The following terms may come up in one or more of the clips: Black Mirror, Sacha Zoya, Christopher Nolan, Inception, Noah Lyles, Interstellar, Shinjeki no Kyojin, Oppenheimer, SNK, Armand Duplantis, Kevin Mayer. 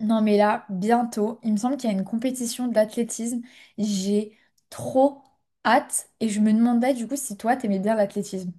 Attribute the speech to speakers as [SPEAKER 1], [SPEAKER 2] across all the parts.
[SPEAKER 1] Non mais là, bientôt, il me semble qu'il y a une compétition d'athlétisme. J'ai trop hâte et je me demandais du coup si toi t'aimais bien l'athlétisme.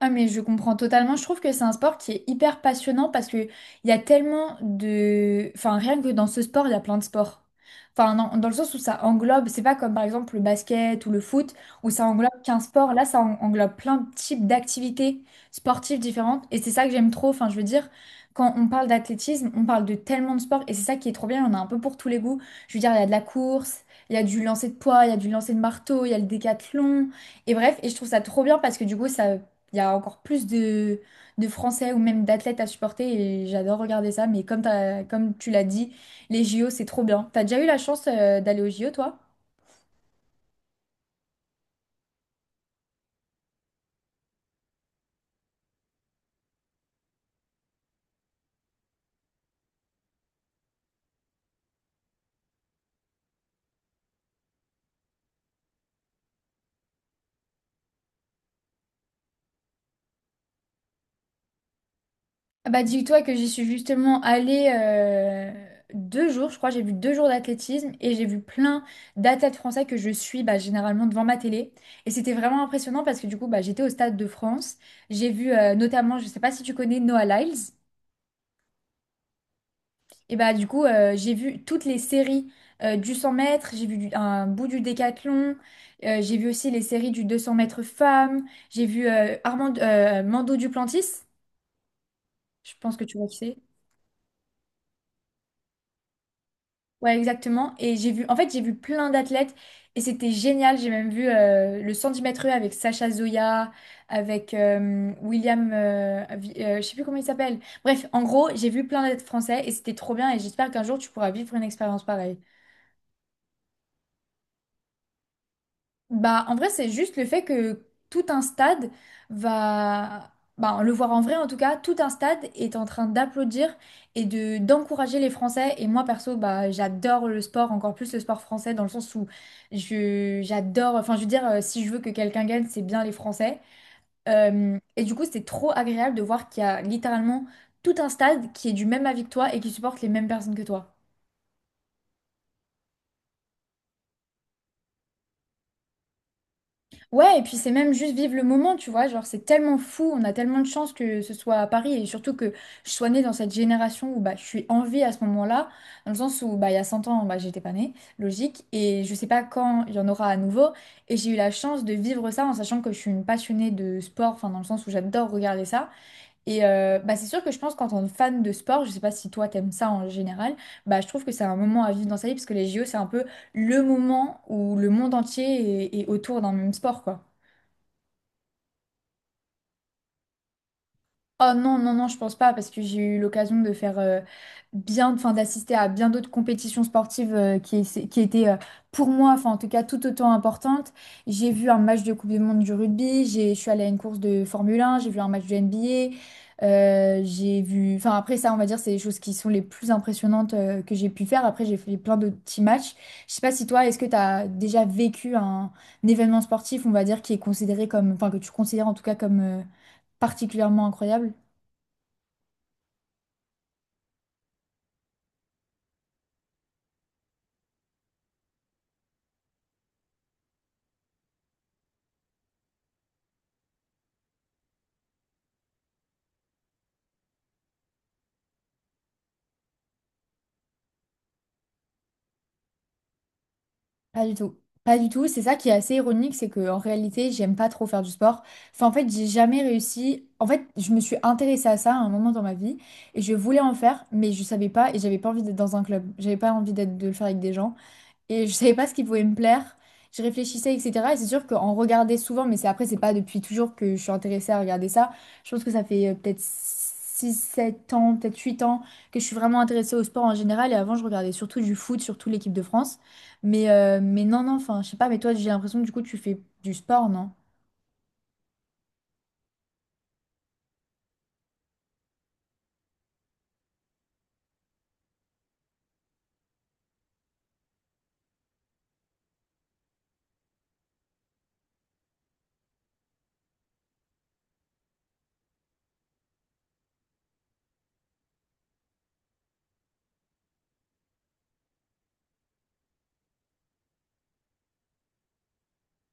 [SPEAKER 1] Ah mais je comprends totalement. Je trouve que c'est un sport qui est hyper passionnant parce que il y a tellement de, enfin rien que dans ce sport, il y a plein de sports. Enfin dans le sens où ça englobe, c'est pas comme par exemple le basket ou le foot où ça englobe qu'un sport. Là, ça englobe plein de types d'activités sportives différentes et c'est ça que j'aime trop. Enfin je veux dire, quand on parle d'athlétisme, on parle de tellement de sports et c'est ça qui est trop bien. Il y en a un peu pour tous les goûts. Je veux dire, il y a de la course, il y a du lancer de poids, il y a du lancer de marteau, il y a le décathlon et bref. Et je trouve ça trop bien parce que du coup ça il y a encore plus de Français ou même d'athlètes à supporter et j'adore regarder ça. Mais comme, comme tu l'as dit, les JO, c'est trop bien. T'as déjà eu la chance d'aller aux JO, toi? Ah, bah dis-toi que j'y suis justement allée 2 jours, je crois, j'ai vu 2 jours d'athlétisme et j'ai vu plein d'athlètes français que je suis, bah, généralement devant ma télé. Et c'était vraiment impressionnant parce que, du coup, bah, j'étais au Stade de France, j'ai vu notamment, je sais pas si tu connais Noah Lyles. Et bah, du coup, j'ai vu toutes les séries du 100 mètres, j'ai vu un bout du décathlon, j'ai vu aussi les séries du 200 mètres femmes, j'ai vu Armand, Mando Duplantis, je pense que tu vois qui c'est. Ouais, exactement. Et j'ai vu, en fait, j'ai vu plein d'athlètes et c'était génial. J'ai même vu le 110 mètres haies avec Sacha Zoya, avec William, je sais plus comment il s'appelle. Bref, en gros, j'ai vu plein d'athlètes français et c'était trop bien et j'espère qu'un jour tu pourras vivre une expérience pareille. Bah, en vrai, c'est juste le fait que tout un stade va, bah, le voir en vrai en tout cas, tout un stade est en train d'applaudir et de d'encourager les Français. Et moi, perso, bah, j'adore le sport, encore plus le sport français, dans le sens où je j'adore. Enfin, je veux dire, si je veux que quelqu'un gagne, c'est bien les Français. Et du coup, c'est trop agréable de voir qu'il y a littéralement tout un stade qui est du même avis que toi et qui supporte les mêmes personnes que toi. Ouais, et puis c'est même juste vivre le moment, tu vois, genre c'est tellement fou, on a tellement de chance que ce soit à Paris et surtout que je sois née dans cette génération où, bah, je suis en vie à ce moment-là, dans le sens où, bah, il y a 100 ans, bah, j'étais pas née, logique, et je sais pas quand il y en aura à nouveau, et j'ai eu la chance de vivre ça en sachant que je suis une passionnée de sport, enfin dans le sens où j'adore regarder ça, et bah, c'est sûr que je pense qu'en tant que fan de sport, je sais pas si toi t'aimes ça en général, bah, je trouve que c'est un moment à vivre dans sa vie parce que les JO c'est un peu le moment où le monde entier est, est autour d'un même sport, quoi. Oh non, non, non, je pense pas, parce que j'ai eu l'occasion de faire enfin d'assister à bien d'autres compétitions sportives qui, qui étaient pour moi, enfin en tout cas tout autant importantes. J'ai vu un match de Coupe du Monde du rugby, je suis allée à une course de Formule 1, j'ai vu un match de NBA, j'ai vu, enfin après ça, on va dire, c'est les choses qui sont les plus impressionnantes que j'ai pu faire. Après, j'ai fait plein de petits matchs. Je sais pas si toi, est-ce que tu as déjà vécu un événement sportif, on va dire, qui est considéré comme, enfin que tu considères en tout cas comme particulièrement incroyable? Pas du tout. Pas du tout. C'est ça qui est assez ironique, c'est que en réalité, j'aime pas trop faire du sport. Enfin, en fait, j'ai jamais réussi. En fait, je me suis intéressée à ça à un moment dans ma vie et je voulais en faire, mais je savais pas et j'avais pas envie d'être dans un club. J'avais pas envie d'être de le faire avec des gens et je savais pas ce qui pouvait me plaire. Je réfléchissais, etc. Et c'est sûr qu'en regarder souvent, mais c'est après, c'est pas depuis toujours que je suis intéressée à regarder ça. Je pense que ça fait peut-être 6 7 ans, peut-être 8 ans que je suis vraiment intéressée au sport en général. Et avant, je regardais surtout du foot, surtout l'équipe de France. Mais non, non, enfin, je sais pas, mais toi, j'ai l'impression que du coup, tu fais du sport, non?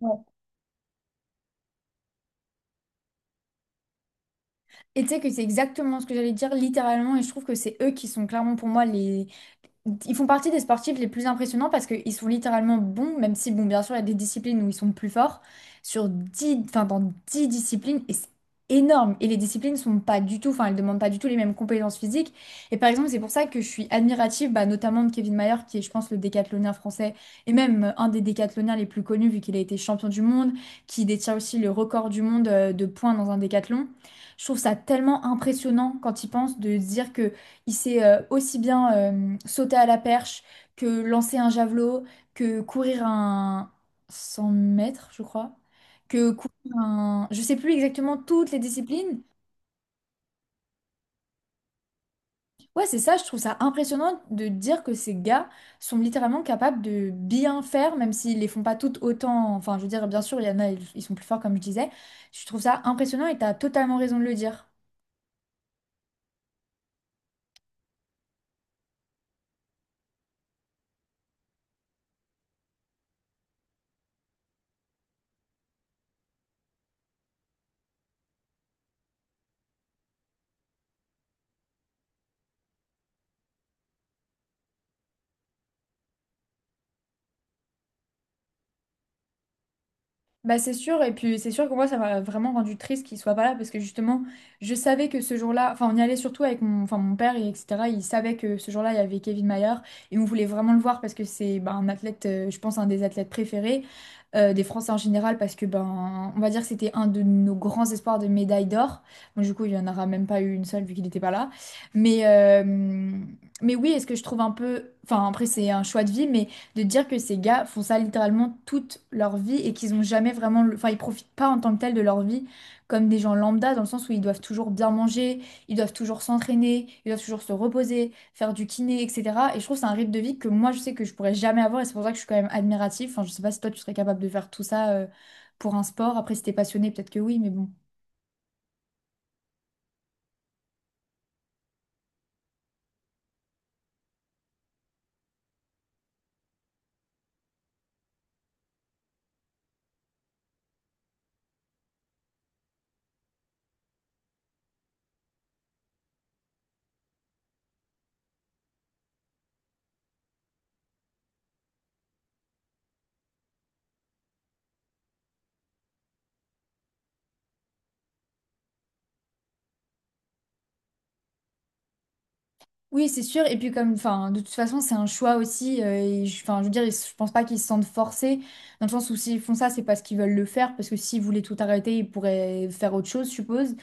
[SPEAKER 1] Ouais. Et tu sais que c'est exactement ce que j'allais dire, littéralement, et je trouve que c'est eux qui sont clairement pour moi les, ils font partie des sportifs les plus impressionnants parce qu'ils sont littéralement bons, même si, bon, bien sûr, il y a des disciplines où ils sont plus forts, sur 10, enfin, dans 10 disciplines, et c'est énorme. Et les disciplines sont pas du tout, enfin, elles demandent pas du tout les mêmes compétences physiques. Et par exemple, c'est pour ça que je suis admirative, bah, notamment de Kevin Mayer, qui est, je pense, le décathlonien français, et même un des décathloniens les plus connus, vu qu'il a été champion du monde, qui détient aussi le record du monde de points dans un décathlon. Je trouve ça tellement impressionnant quand il pense de se dire que il sait aussi bien sauter à la perche que lancer un javelot, que courir un 100 mètres, je crois, que courir un... Je sais plus exactement toutes les disciplines. Ouais, c'est ça, je trouve ça impressionnant de dire que ces gars sont littéralement capables de bien faire, même s'ils les font pas toutes autant. Enfin, je veux dire, bien sûr, il y en a, ils sont plus forts, comme je disais. Je trouve ça impressionnant et tu as totalement raison de le dire. Bah c'est sûr, et puis c'est sûr que moi ça m'a vraiment rendu triste qu'il soit pas là parce que justement je savais que ce jour-là, enfin on y allait surtout avec mon père et etc. Il savait que ce jour-là il y avait Kevin Mayer et on voulait vraiment le voir parce que c'est, ben, un athlète, je pense un des athlètes préférés des Français en général parce que, ben, on va dire que c'était un de nos grands espoirs de médaille d'or. Bon, du coup il y en aura même pas eu une seule vu qu'il n'était pas là. Mais, euh, mais oui, est-ce que je trouve un peu, enfin après c'est un choix de vie, mais de dire que ces gars font ça littéralement toute leur vie et qu'ils ont jamais vraiment, enfin ils profitent pas en tant que tel de leur vie comme des gens lambda dans le sens où ils doivent toujours bien manger, ils doivent toujours s'entraîner, ils doivent toujours se reposer, faire du kiné, etc. Et je trouve que c'est un rythme de vie que moi je sais que je pourrais jamais avoir et c'est pour ça que je suis quand même admirative. Enfin je sais pas si toi tu serais capable de faire tout ça pour un sport. Après si t'es passionné peut-être que oui, mais bon. Oui, c'est sûr. Et puis comme, enfin, de toute façon, c'est un choix aussi. Enfin, je veux dire, je pense pas qu'ils se sentent forcés, dans le sens où s'ils font ça, c'est parce qu'ils veulent le faire, parce que s'ils voulaient tout arrêter, ils pourraient faire autre chose, je suppose.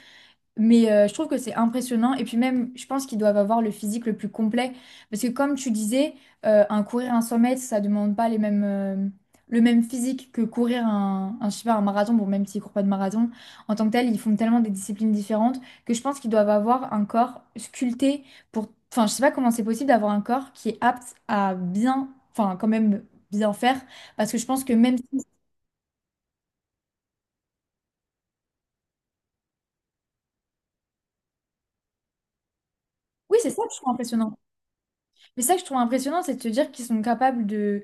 [SPEAKER 1] Je trouve que c'est impressionnant. Et puis même, je pense qu'ils doivent avoir le physique le plus complet. Parce que comme tu disais, un courir un 100 mètres, ça demande pas les mêmes, le même physique que courir je sais pas, un marathon. Bon, même s'ils courent pas de marathon, en tant que tel, ils font tellement des disciplines différentes que je pense qu'ils doivent avoir un corps sculpté pour... Enfin, je sais pas comment c'est possible d'avoir un corps qui est apte à bien, enfin quand même bien faire. Parce que je pense que même si, oui, c'est ça que je trouve impressionnant. Mais ça que je trouve impressionnant, c'est de se dire qu'ils sont capables de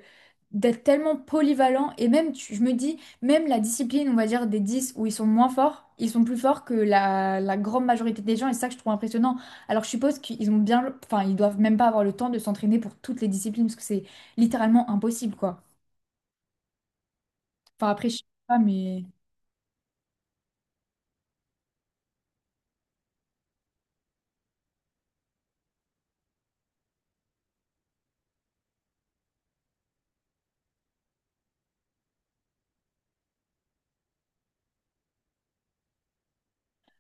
[SPEAKER 1] d'être tellement polyvalents. Et même, je me dis, même la discipline, on va dire, des 10 où ils sont moins forts, ils sont plus forts que la grande majorité des gens. Et c'est ça que je trouve impressionnant. Alors je suppose qu'ils ont bien... Enfin, ils doivent même pas avoir le temps de s'entraîner pour toutes les disciplines, parce que c'est littéralement impossible, quoi. Enfin, après, je sais pas, mais...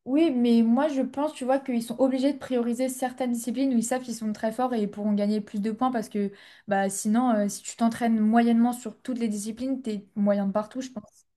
[SPEAKER 1] Oui, mais moi je pense, tu vois, qu'ils sont obligés de prioriser certaines disciplines où ils savent qu'ils sont très forts et ils pourront gagner plus de points parce que bah sinon, si tu t'entraînes moyennement sur toutes les disciplines, t'es moyen de partout, je pense.